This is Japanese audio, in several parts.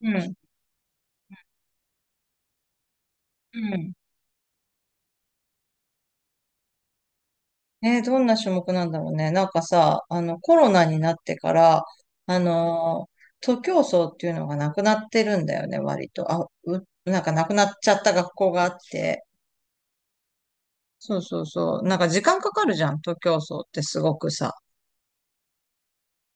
うん。うん。ね、どんな種目なんだろうね。なんかさ、コロナになってから、あのー、徒競走っていうのがなくなってるんだよね、割と。なんかなくなっちゃった学校があって。そうそうそう。なんか時間かかるじゃん、徒競走ってすごくさ。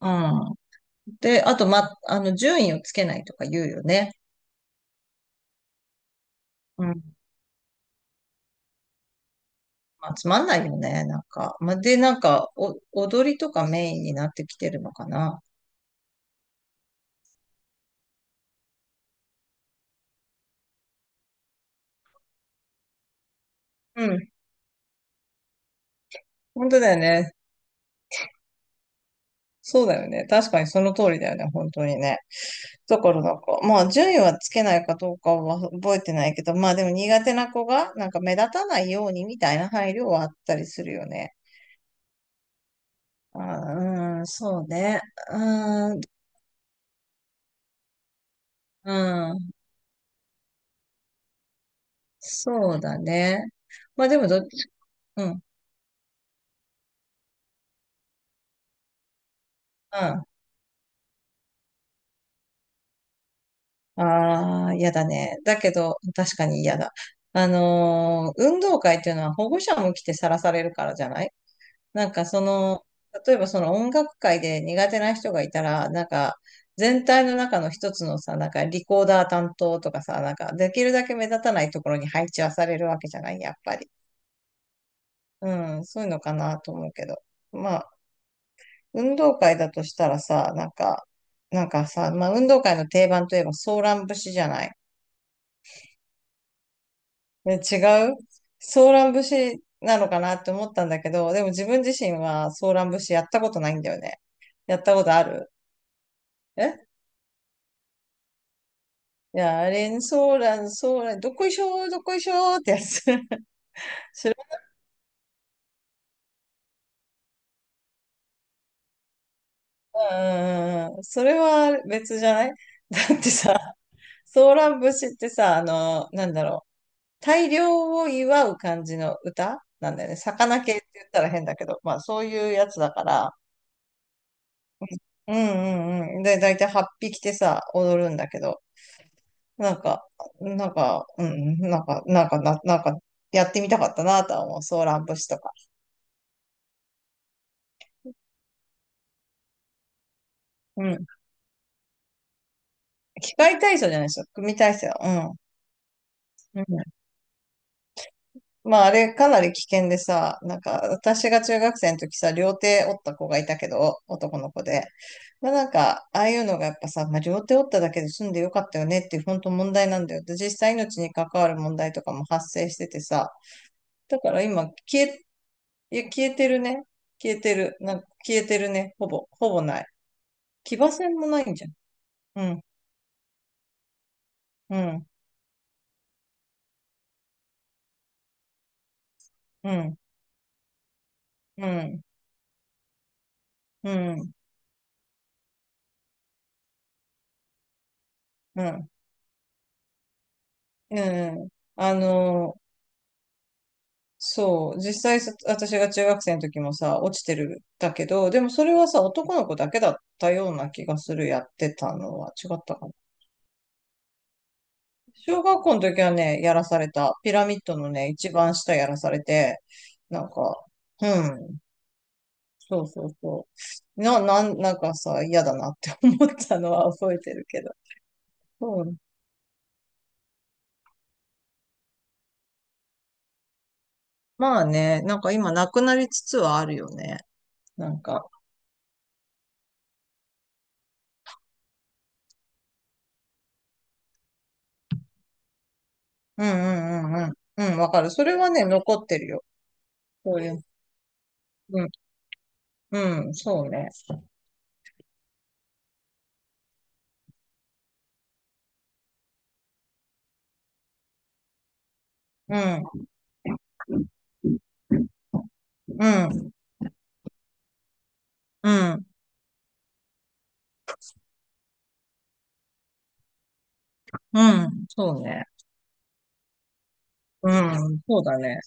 うん。で、あと、ま、あの、順位をつけないとか言うよね。うん。まあ、つまんないよね、なんか。まあ、で、なんか、踊りとかメインになってきてるのかな。うん。本当だよね。そうだよね。確かにその通りだよね。本当にね。だからなんか、まあ順位はつけないかどうかは覚えてないけど、まあでも苦手な子がなんか目立たないようにみたいな配慮はあったりするよね。あー、うん、そうね。うん、うん、そうだね。まあでもどっち、うん、うん。ああ、嫌だね。だけど、確かに嫌だ。運動会っていうのは保護者も来てさらされるからじゃない？なんかその、例えばその音楽界で苦手な人がいたら、なんか全体の中の一つのさ、なんかリコーダー担当とかさ、なんかできるだけ目立たないところに配置はされるわけじゃない、やっぱり。うん、そういうのかなと思うけど。まあ、運動会だとしたらさ、なんか、なんかさ、まあ運動会の定番といえばソーラン節じゃない？ね、違うソーラン節なのかなって思ったんだけど、でも自分自身はソーラン節やったことないんだよね。やったことある？えいや、あれ、ソーラン、ソーラン、どこいしょー、どこいしょーってやつ。知らん、うん、それは別じゃない？ だってさ、ソーラン節ってさ、なんだろう、大漁を祝う感じの歌なんだよね。魚系って言ったら変だけど、まあそういうやつだから、うんうんうん。で、だいたい8匹てさ、踊るんだけど、なんか、うん、なんか、なんか、やってみたかったなとは思う、ソーラン節とか。うん。機械体操じゃないですよ。組体操。うん。うん。まあ、あれかなり危険でさ、なんか、私が中学生の時さ、両手折った子がいたけど、男の子で。まあ、なんか、ああいうのがやっぱさ、まあ、両手折っただけで済んでよかったよねっていう本当問題なんだよ。で、実際命に関わる問題とかも発生しててさ、だから今、いや、消えてるね。消えてる。なんか、消えてるね。ほぼない。騎馬戦もないんじゃん。うん、うん、うん、うん、うん、うん、うん。あのーそう。実際さ、私が中学生の時もさ、落ちてるんだけど、でもそれはさ、男の子だけだったような気がする、やってたのは。違ったかな。小学校の時はね、やらされた。ピラミッドのね、一番下やらされて、なんか、うん。そうそうそう。なんかさ、嫌だなって思ったのは 覚えてるけど。そう。まあね、なんか今なくなりつつはあるよね。なんか。うんうんうんうん。うん、わかる。それはね、残ってるよ。そういう。うんうん、そうね。うん、うん、うん、うん、そうね。うん、そうだね。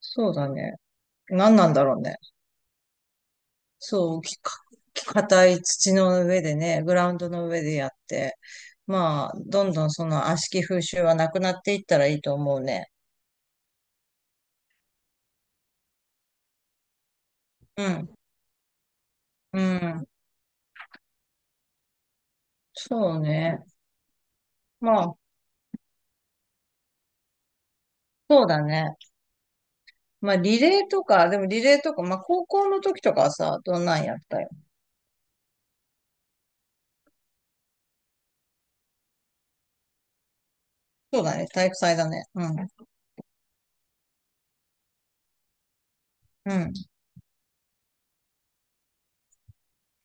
そうだね。何なんだろうね。そう、硬い土の上でね、グラウンドの上でやって、まあ、どんどんその悪しき風習はなくなっていったらいいと思うね。うん、うん、そうね。まあ、そうだね。まあ、リレーとか、でもリレーとか、まあ、高校の時とかはさ、どんなんやったよ？そうだね、体育祭だね。うん、うん。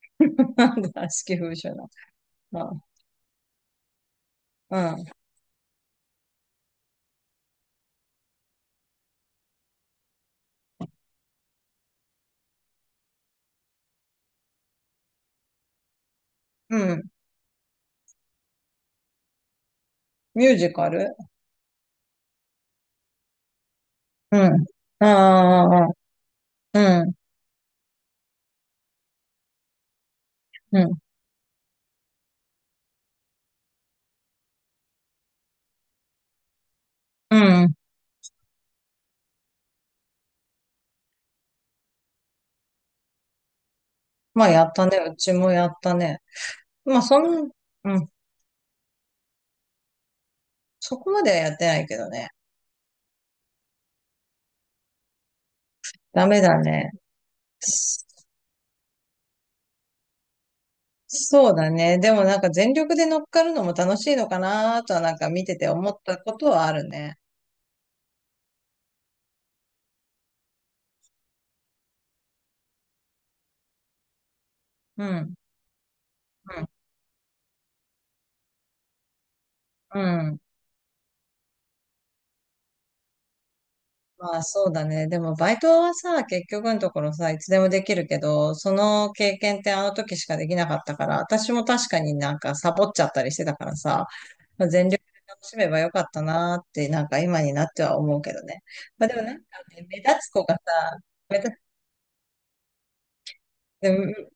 なんだ、悪しき風習な。あ、うん、うん。ミュージカルうん。ああ、うん、うん、うん。まあ、やったね。うちもやったね。まあ、うん。そこまではやってないけどね。ダメだね。そそうだね。でもなんか全力で乗っかるのも楽しいのかなとはなんか見てて思ったことはあるね。うん、うん、うん。まあそうだね。でもバイトはさ、結局のところさ、いつでもできるけど、その経験ってあの時しかできなかったから、私も確かになんかサボっちゃったりしてたからさ、まあ、全力で楽しめばよかったなーって、なんか今になっては思うけどね。まあでもなんかね、目立つ子がさ、目立つ、でも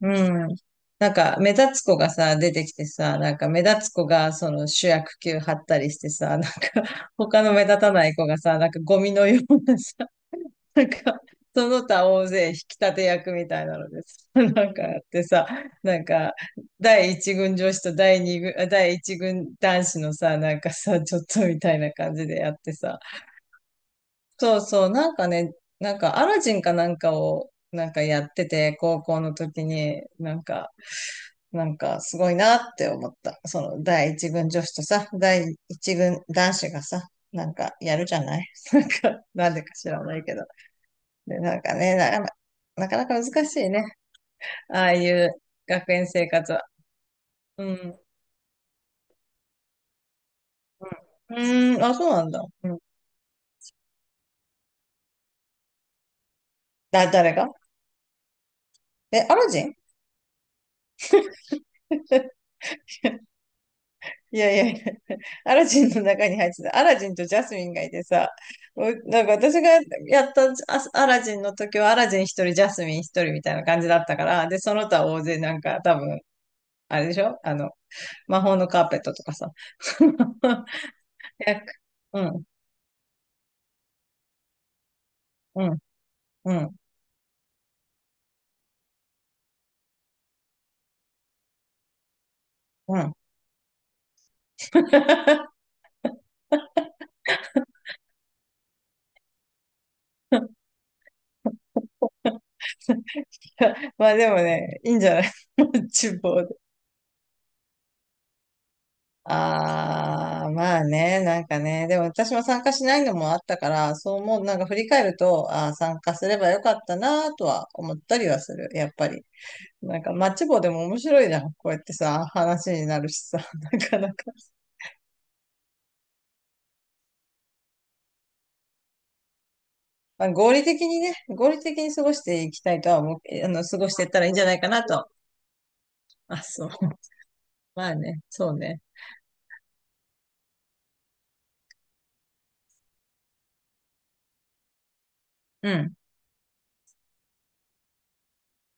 うん。なんか目立つ子がさ、出てきてさ、なんか目立つ子がその主役級張ったりしてさ、なんか 他の目立たない子がさ、なんかゴミのようなさなんか、その他大勢引き立て役みたいなのです。なんかやってさ、なんか、第一軍女子と第一軍男子のさ、なんかさ、ちょっとみたいな感じでやってさ。そうそう、なんかね、なんかアラジンかなんかを、なんかやってて、高校の時に、なんか、なんかすごいなって思った。その第一軍女子とさ、第一軍男子がさ、なんかやるじゃない？ なんか、なんでか知らないけど。で、なんかね、なかなか難しいね。ああいう学園生活は。うん。うーん、あ、そうなんだ。うん。誰がアラジン？ いやいやいや、アラジンの中に入ってた。アラジンとジャスミンがいてさ、なんか私がやったアラジンの時はアラジン一人、ジャスミン一人みたいな感じだったから、で、その他大勢なんか多分、あれでしょ魔法のカーペットとかさ。いうん、うん、うん、うん。まあでもね、いいんじゃない？ 厨房で。ああ、まあね、なんかね、でも私も参加しないのもあったから、そう思う、なんか振り返ると、ああ、参加すればよかったなとは思ったりはする、やっぱり。なんかマッチ棒でも面白いじゃん。こうやってさ、話になるしさ、なかなか。まあ、合理的にね、合理的に過ごしていきたいとは思う、過ごしていったらいいんじゃないかなと。あ、そう。まあね、そうね。うん。